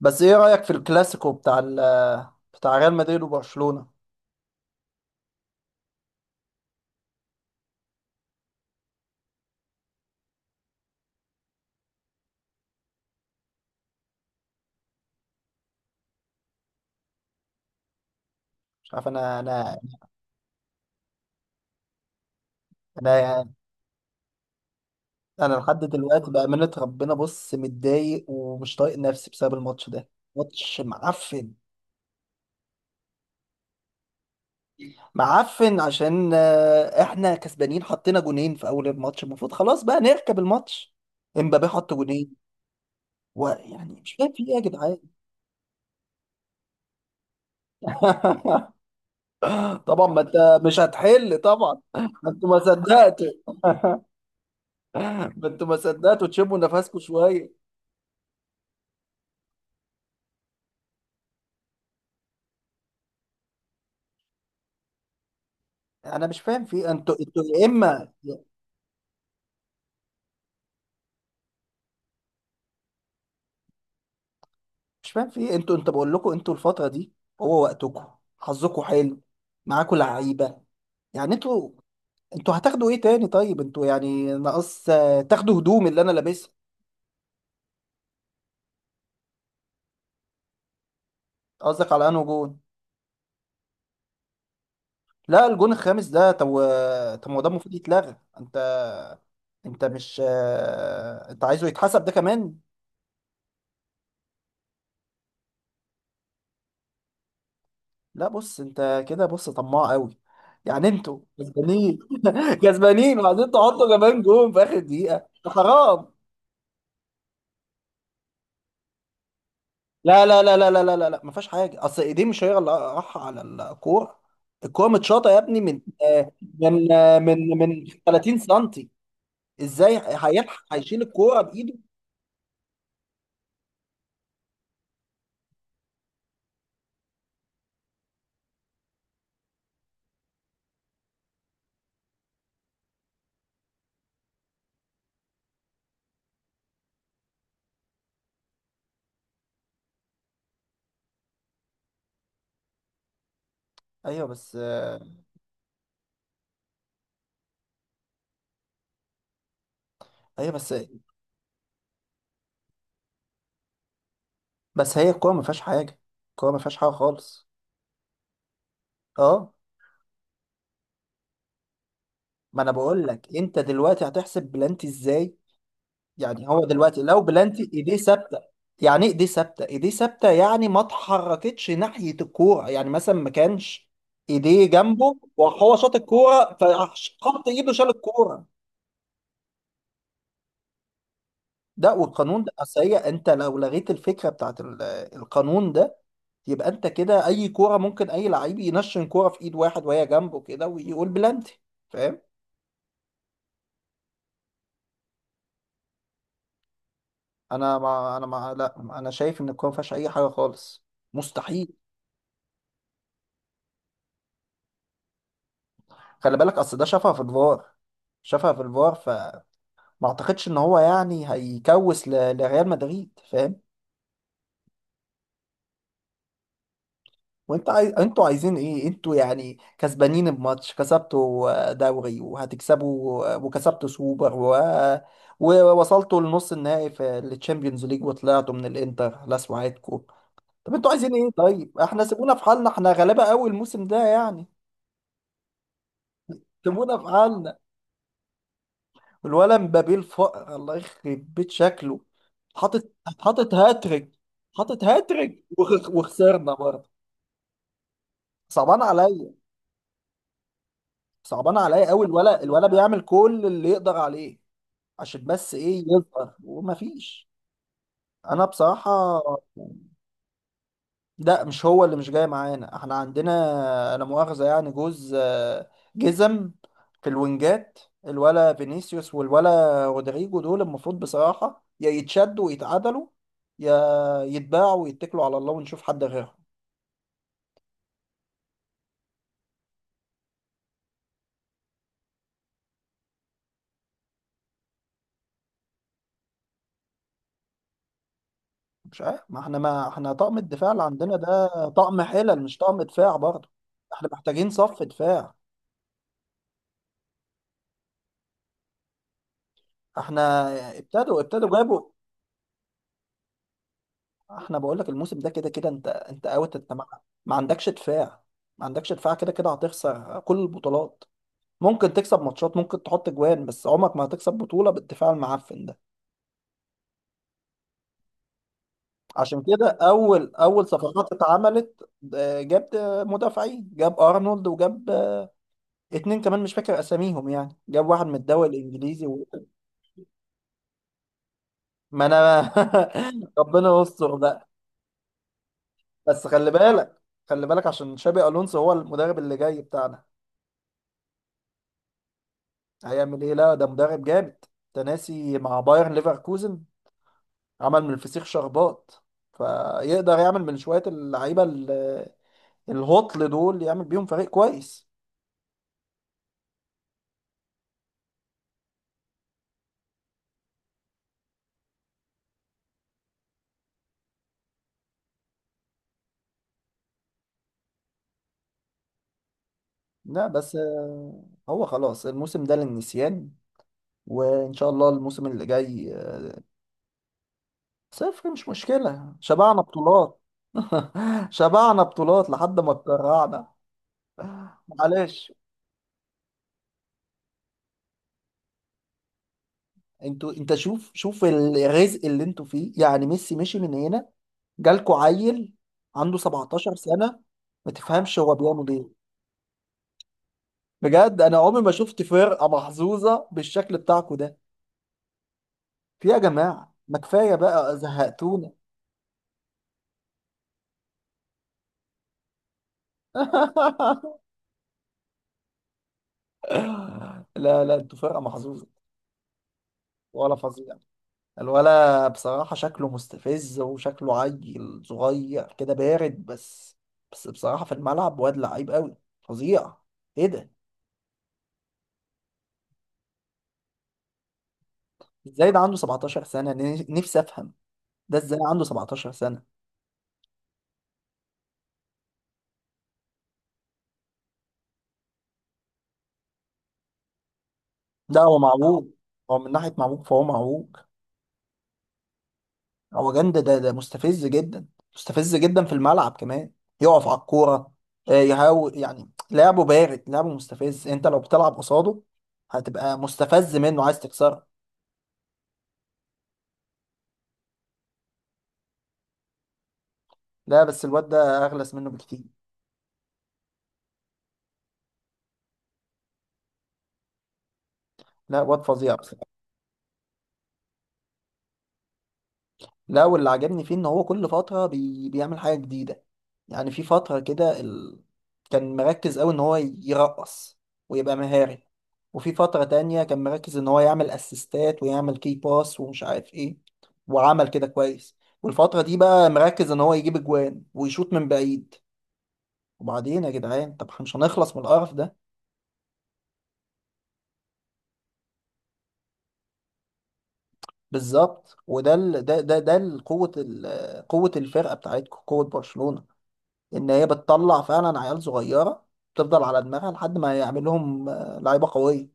بس ايه رأيك في الكلاسيكو بتاع ريال مدريد وبرشلونة؟ مش عارف. انا يعني، انا لحد دلوقتي بأمانة ربنا بص متضايق ومش طايق نفسي بسبب الماتش ده. ماتش معفن. معفن عشان احنا كسبانين، حطينا جونين في اول الماتش، المفروض خلاص بقى نركب الماتش. امبابي حط جونين. ويعني مش فاهم في ايه يا جدعان؟ طبعا ما انت مش هتحل، طبعا ما انتوا ما صدقتوا. ما انتوا ما صدقتوا تشموا نفسكم شوية. انا مش فاهم في إيه. انتوا يا اما مش فاهم في إيه. انتوا، انت بقول لكم، انتوا الفتره دي هو وقتكم، حظكم حلو، معاكم لعيبه، يعني انتوا، انتوا هتاخدوا ايه تاني؟ طيب انتوا يعني ناقص تاخدوا هدوم اللي انا لابسها. قصدك على انه جون؟ لا الجون الخامس ده طب طب ما هو ده المفروض يتلغى. انت انت مش انت عايزه يتحسب ده كمان؟ لا بص، انت كده بص طماع قوي. يعني انتوا كسبانين، كسبانين، وبعدين تحطوا كمان جون في اخر دقيقه، حرام. لا، ما فيهاش حاجه، اصل ايديه مش هي اللي راح على الكوره. الكوره متشاطه يا ابني من من 30 سنتي. ازاي هيلحق هيشيل الكوره بايده؟ ايوه بس ايوه بس، بس هي الكوره ما فيهاش حاجه. الكوره ما فيهاش حاجه خالص. اه، ما انا بقول لك انت دلوقتي هتحسب بلانتي ازاي؟ يعني هو دلوقتي لو بلانتي ايديه ثابته. يعني ايه ايديه ثابته؟ ايديه ثابته يعني ما اتحركتش ناحيه الكوره، يعني مثلا ما كانش ايديه جنبه وهو شاط الكوره فحط ايده شال الكوره. ده والقانون ده، اصل هي انت لو لغيت الفكره بتاعت القانون ده، يبقى انت كده اي كوره ممكن اي لعيب ينشن كوره في ايد واحد وهي جنبه كده ويقول بلانتي. فاهم؟ انا ما انا ما لا انا شايف ان الكوره ما فيهاش اي حاجه خالص، مستحيل. خلي بالك، اصل ده شافها في الفار. شافها في الفار فما اعتقدش ان هو يعني لريال مدريد، فاهم؟ وانت عايز، انتوا عايزين ايه؟ انتوا يعني كسبانين بماتش، كسبتوا دوري وهتكسبوا، وكسبتوا سوبر و... ووصلتوا لنص النهائي في التشامبيونز ليج، وطلعتوا من الانتر، لا سوعتكم. طب انتوا عايزين ايه؟ طيب احنا سيبونا في حالنا، احنا غلابة قوي الموسم ده يعني. سيبونا في حالنا. الولد مبابي الله يخرب بيت شكله، حاطط، حاطط هاتريك. حاطط هاتريك وخسرنا برضه. صعبان عليا. صعبان عليا قوي. الولد، الولد بيعمل كل اللي يقدر عليه عشان بس ايه، يظهر ومفيش. انا بصراحة، لا مش هو اللي مش جاي معانا، احنا عندنا، لا مؤاخذة، يعني جوز جزم في الوينجات. الولا فينيسيوس والولا رودريجو دول المفروض بصراحة يا يتشدوا ويتعدلوا، يا يتباعوا ويتكلوا على الله ونشوف حد غيرهم. مش عارف، ما احنا، ما احنا طقم الدفاع اللي عندنا ده طقم حلل مش طقم دفاع برضه. احنا محتاجين صف دفاع. احنا ابتدوا جابوا. احنا بقول لك الموسم ده كده كده، انت اوت. انت ما، ما عندكش دفاع. ما عندكش دفاع كده كده هتخسر كل البطولات. ممكن تكسب ماتشات، ممكن تحط جوان، بس عمرك ما هتكسب بطولة بالدفاع المعفن ده. عشان كده اول، اول صفقات اتعملت جاب مدافعين، جاب ارنولد وجاب اتنين كمان مش فاكر اساميهم، يعني جاب واحد من الدوري الانجليزي و... ما انا، ربنا يستر بقى. بس خلي بالك، خلي بالك عشان شابي الونسو هو المدرب اللي جاي بتاعنا. هيعمل ايه؟ لا ده مدرب جامد. تناسي مع بايرن ليفركوزن. عمل من الفسيخ شربات. فيقدر يعمل من شوية اللعيبة الهطل دول يعمل بيهم فريق كويس. لا بس هو خلاص الموسم ده للنسيان، وإن شاء الله الموسم اللي جاي صفر مش مشكلة، شبعنا بطولات. شبعنا بطولات لحد ما اتكرعنا. معلش. انتوا، انت شوف، شوف الرزق اللي انتوا فيه. يعني ميسي مشي من هنا، جالكوا عيل عنده 17 سنة ما تفهمش هو بيعمل ايه. بجد انا عمري ما شفت فرقة محظوظة بالشكل بتاعكم ده في، يا جماعة ما كفاية بقى، زهقتونا. لا لا، انتوا فرقة محظوظة. ولا فظيع. الولا بصراحة شكله مستفز وشكله عيل صغير كده بارد، بس بس بصراحة في الملعب واد لعيب قوي، فظيع. ايه ده؟ ازاي ده عنده 17 سنة؟ نفسي افهم ده ازاي عنده 17 سنة. ده هو معوج. هو من ناحية معوج فهو معوج. هو جند ده، ده مستفز جدا، مستفز جدا في الملعب كمان. يقف على الكورة، يهاول، يعني لعبه بارد، لعبه مستفز. انت لو بتلعب قصاده هتبقى مستفز منه، عايز تكسره. لا بس الواد ده اغلس منه بكتير. لا واد فظيع بصراحة. لا واللي عجبني فيه ان هو كل فترة بيعمل حاجة جديدة. يعني في فترة كده كان مركز أوي إن هو يرقص ويبقى مهاري. وفي فترة تانية كان مركز إن هو يعمل أسيستات ويعمل كي باس ومش عارف إيه، وعمل كده كويس. والفترة دي بقى مركز إن هو يجيب أجوان ويشوط من بعيد. وبعدين يا جدعان طب إحنا مش هنخلص من القرف ده؟ بالظبط. وده ال... ده ده ده ال- قوة قوة الفرقة بتاعتكم، قوة برشلونة، إن هي بتطلع فعلا عيال صغيرة، تفضل على دماغها لحد ما يعمل لهم لعيبة قوية.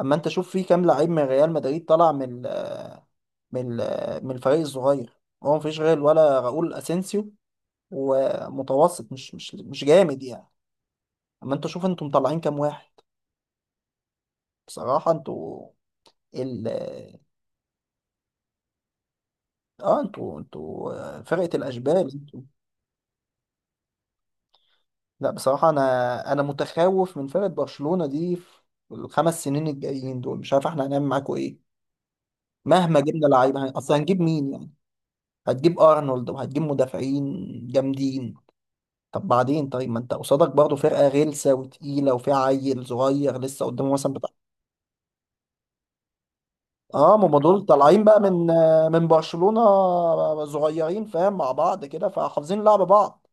اما انت شوف في كام لعيب من ريال مدريد طلع من من الفريق الصغير؟ هو مفيش غير ولا راؤول اسينسيو، ومتوسط، مش جامد يعني. اما انت شوف انتوا مطلعين كام واحد، بصراحة انتوا ال، اه انتوا، انتوا فرقة الاشبال انتوا. لا بصراحة انا، انا متخوف من فرقة برشلونة دي في الخمس سنين الجايين دول. مش عارف احنا هنعمل معاكوا ايه، مهما جبنا لعيبة، اصل هنجيب مين يعني؟ هتجيب ارنولد وهتجيب مدافعين جامدين. طب بعدين؟ طيب ما انت قصادك برضه فرقه غلسه وتقيله وفيها عيل صغير لسه قدامه مثلا بتاع. اه ما هم دول طالعين بقى من، من برشلونه، صغيرين فاهم مع بعض كده فحافظين لعب بعض.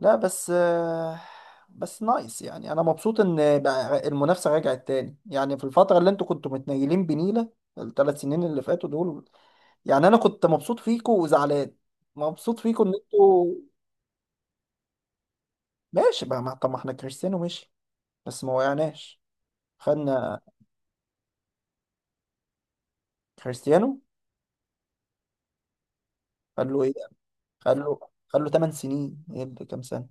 لا بس بس نايس، يعني انا مبسوط ان بقى المنافسه رجعت تاني، يعني في الفتره اللي انتوا كنتوا متنيلين بنيله، الثلاث سنين اللي فاتوا دول، يعني انا كنت مبسوط فيكوا وزعلان، مبسوط فيكوا ان انتوا. ماشي بقى، ما طب ما احنا كريستيانو ماشي بس ما وقعناش، خدنا. كريستيانو خد له ايه؟ خد له، خد له 8 سنين، ايه اللي كام سنه؟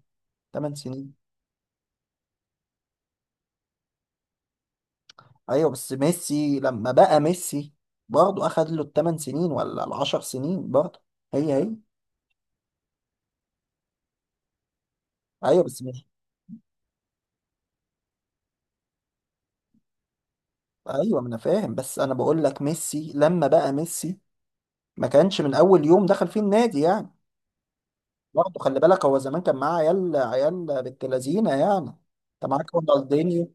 8 سنين. ايوه بس ميسي لما بقى ميسي، برضه اخد له الثمان سنين ولا العشر سنين، برضه هي هي. ايوه بس مش، ايوه ما انا فاهم، بس انا بقول لك ميسي لما بقى ميسي ما كانش من اول يوم دخل فيه النادي يعني. برضه خلي بالك، هو زمان كان معاه عيال، عيال بنت لذينه يعني. انت معاك رونالدينيو،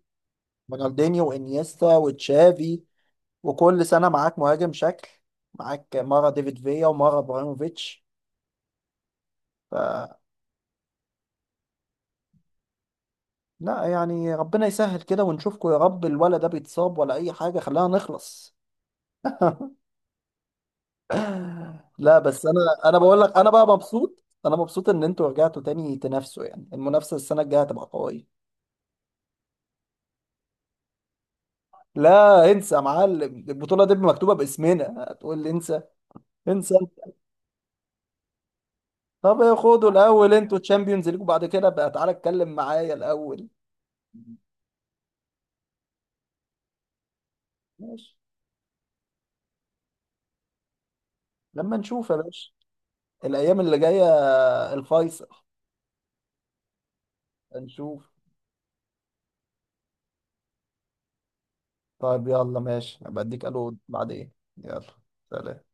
رونالدينيو وانيستا وتشافي، وكل سنة معاك مهاجم شكل، معاك مرة ديفيد فيا ومرة ابراهيموفيتش. ف لا يعني ربنا يسهل كده ونشوفكوا يا رب، الولا ده بيتصاب ولا اي حاجة، خلينا نخلص. لا بس انا، انا بقول لك، انا بقى مبسوط، انا مبسوط ان انتوا رجعتوا تاني تنافسوا، يعني المنافسة السنة الجاية هتبقى قوية. لا انسى يا معلم، البطولة دي مكتوبة باسمنا، هتقول لي انسى؟ انسى انت. طب خدوا الاول انتوا تشامبيونز ليج وبعد كده بقى تعالى اتكلم معايا الاول. ماشي، لما نشوف يا باشا الايام اللي جايه، الفيصل. هنشوف. طيب يلا ماشي، هبقى اديك الو بعدين. يلا، سلام.